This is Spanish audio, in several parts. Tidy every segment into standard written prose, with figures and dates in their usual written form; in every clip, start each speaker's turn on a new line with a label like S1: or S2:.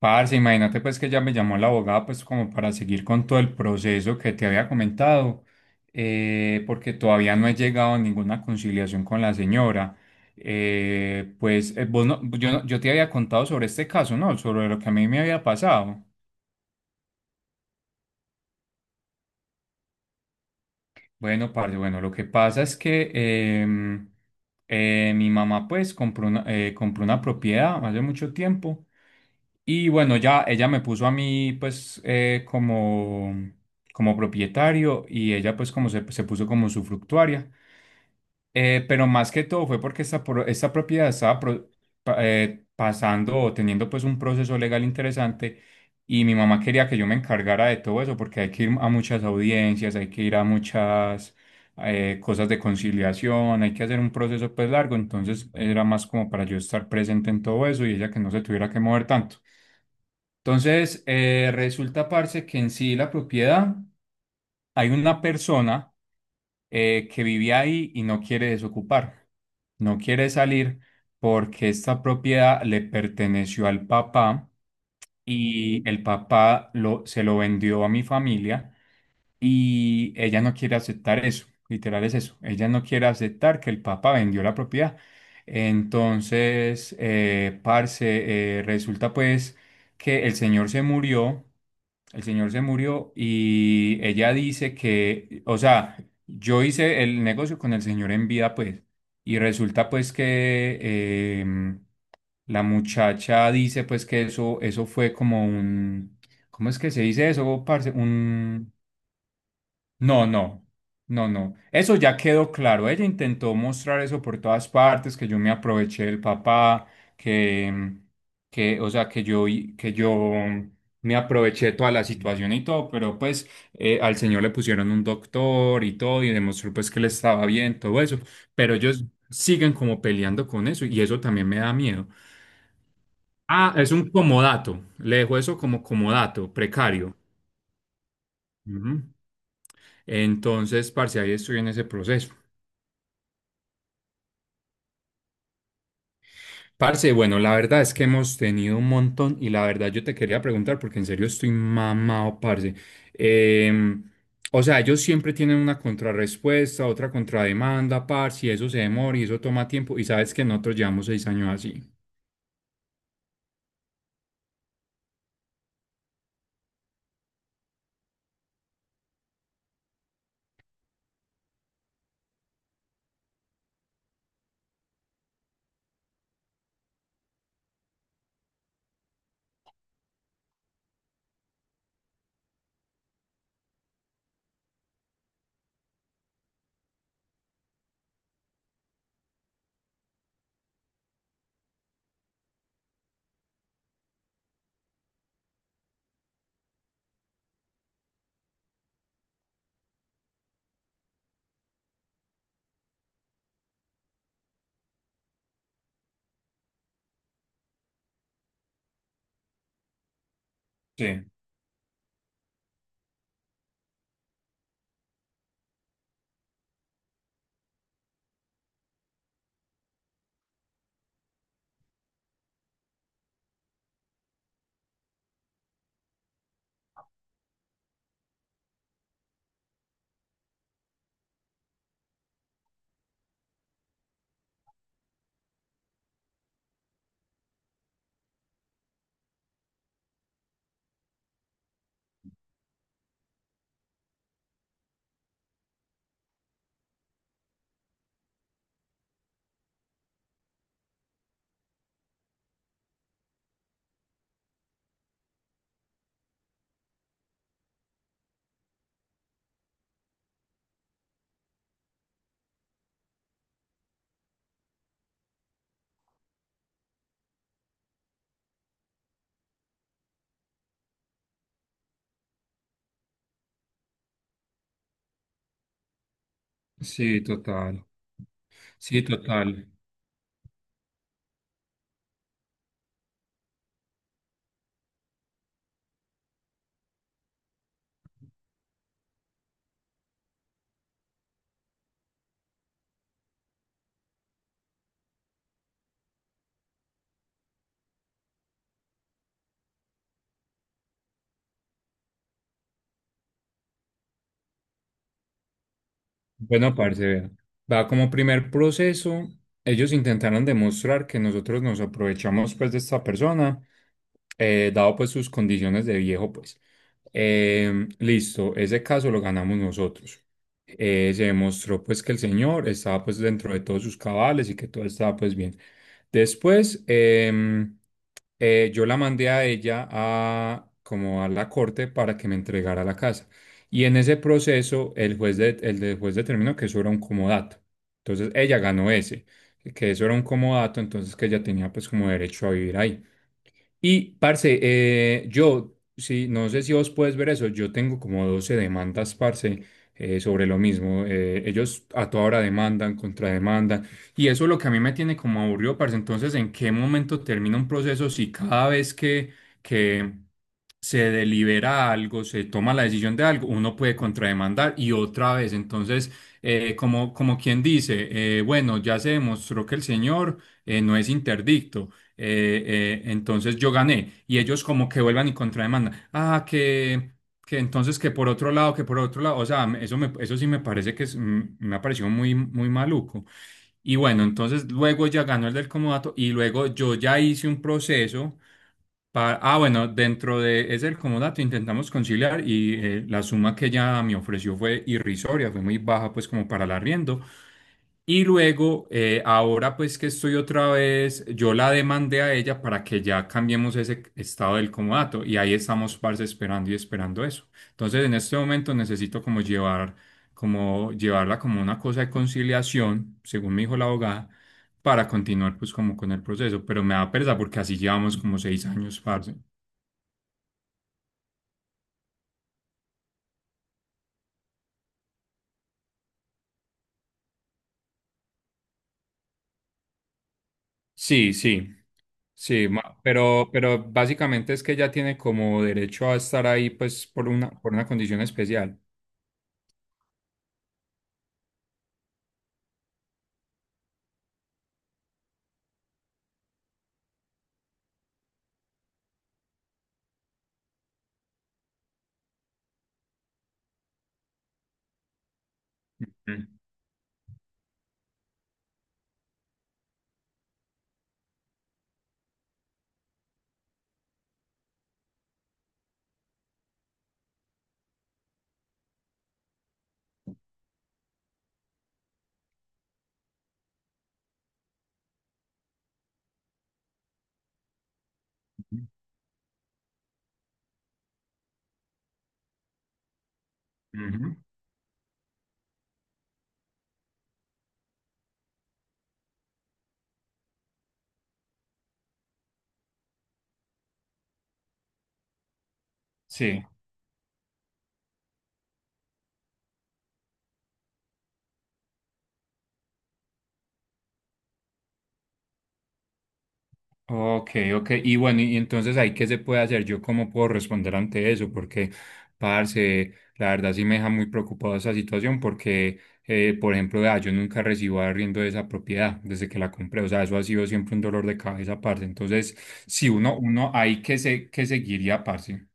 S1: Parce, imagínate pues que ya me llamó la abogada pues como para seguir con todo el proceso que te había comentado, porque todavía no he llegado a ninguna conciliación con la señora. Pues vos no- yo te había contado sobre este caso, ¿no? Sobre lo que a mí me había pasado. Bueno, parce, bueno, lo que pasa es que mi mamá pues compró una propiedad hace mucho tiempo y bueno, ya ella me puso a mí pues como, como propietario y ella pues como se puso como usufructuaria. Pero más que todo fue porque esta propiedad estaba pasando o teniendo pues un proceso legal interesante y mi mamá quería que yo me encargara de todo eso porque hay que ir a muchas audiencias, hay que ir a muchas cosas de conciliación, hay que hacer un proceso pues largo, entonces era más como para yo estar presente en todo eso y ella que no se tuviera que mover tanto. Entonces, resulta, parce, que en sí la propiedad, hay una persona que vivía ahí y no quiere desocupar, no quiere salir porque esta propiedad le perteneció al papá y se lo vendió a mi familia. Y ella no quiere aceptar eso, literal es eso. Ella no quiere aceptar que el papá vendió la propiedad. Entonces, parce, resulta pues que el señor se murió, el señor se murió y ella dice que, o sea, yo hice el negocio con el señor en vida pues, y resulta pues que la muchacha dice pues que eso fue como un, ¿cómo es que se dice eso, parce? Un no, no, no, no. Eso ya quedó claro. Ella intentó mostrar eso por todas partes, que yo me aproveché del papá, que, que, o sea, que yo me aproveché de toda la situación y todo, pero pues al señor le pusieron un doctor y todo y demostró pues que le estaba bien, todo eso. Pero ellos siguen como peleando con eso y eso también me da miedo. Ah, es un comodato. Le dejo eso como comodato, precario. Ujú. Entonces, parce, ahí estoy en ese proceso. Parce, bueno, la verdad es que hemos tenido un montón y la verdad yo te quería preguntar porque en serio estoy mamado, parce. Em, o sea, ellos siempre tienen una contrarrespuesta, otra contrademanda, parce, y eso se demora y eso toma tiempo y sabes que nosotros llevamos 6 años así. Sí, sí, total. Sí, total. Bueno, parce, vea. Va como primer proceso. Ellos intentaron demostrar que nosotros nos aprovechamos pues de esta persona dado pues sus condiciones de viejo, pues. Listo, ese caso lo ganamos nosotros. Se demostró pues que el señor estaba pues dentro de todos sus cabales y que todo estaba pues bien. Después, yo la mandé a ella a como a la corte para que me entregara la casa. Y en ese proceso, el juez, de- el de- juez determinó que eso era un comodato. Entonces, ella ganó ese, que eso era un comodato, entonces que ella tenía pues como derecho a vivir ahí. Y, parce, yo, sí, no sé si vos puedes ver eso, yo tengo como 12 demandas, parce, sobre lo mismo. Ellos a toda hora demandan, contrademandan, y eso es lo que a mí me tiene como aburrido, parce. Entonces, ¿en qué momento termina un proceso si cada vez que se delibera algo, se toma la decisión de algo, uno puede contrademandar y otra vez? Entonces, como, como quien dice, bueno, ya se demostró que el señor no es interdicto. Entonces yo gané y ellos como que vuelvan y contrademandan. Ah, que entonces que por otro lado, que por otro lado. Eso, me, eso sí me parece que es, me ha parecido muy, muy maluco. Y bueno, entonces luego ya ganó el del comodato y luego yo ya hice un proceso para... Ah, bueno, dentro de ese del comodato intentamos conciliar y la suma que ella me ofreció fue irrisoria, fue muy baja pues como para el arriendo. Y luego, ahora pues que estoy otra vez, yo la demandé a ella para que ya cambiemos ese estado del comodato y ahí estamos, parce, esperando y esperando eso. Entonces, en este momento necesito como llevar, como llevarla como una cosa de conciliación, según me dijo la abogada, para continuar pues como con el proceso, pero me da pereza porque así llevamos como 6 años, parce. Sí, sí. Sí, ma- pero básicamente es que ella tiene como derecho a estar ahí pues por una condición especial. Ujú, ujú. Sí, ok, ok. Y bueno, y entonces ahí qué se puede hacer, yo cómo puedo responder ante eso, porque, parce, la verdad sí me deja muy preocupado esa situación, porque, por ejemplo, vea, yo nunca recibo arriendo de esa propiedad desde que la compré, o sea, eso ha sido siempre un dolor de cabeza, parce. Entonces, si uno, uno ahí que seguiría, parce.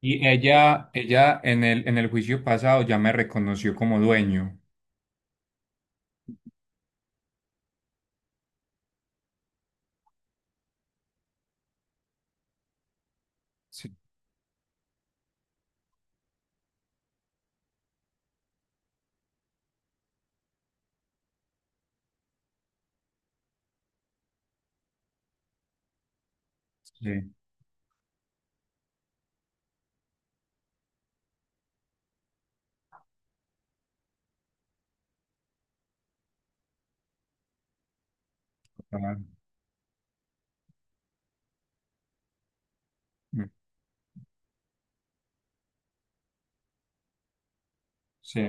S1: Y ella en el juicio pasado ya me reconoció como dueño. Sí, sí, total. Sí.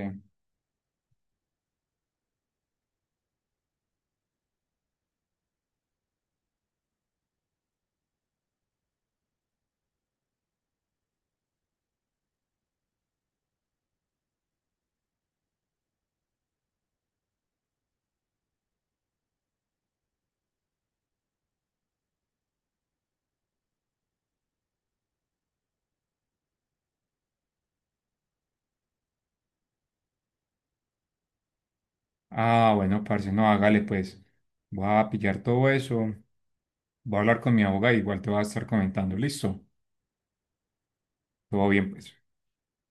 S1: Ah, bueno, parce, no, hágale pues. Voy a pillar todo eso. Voy a hablar con mi abogada, igual te voy a estar comentando. Listo. Todo bien, pues.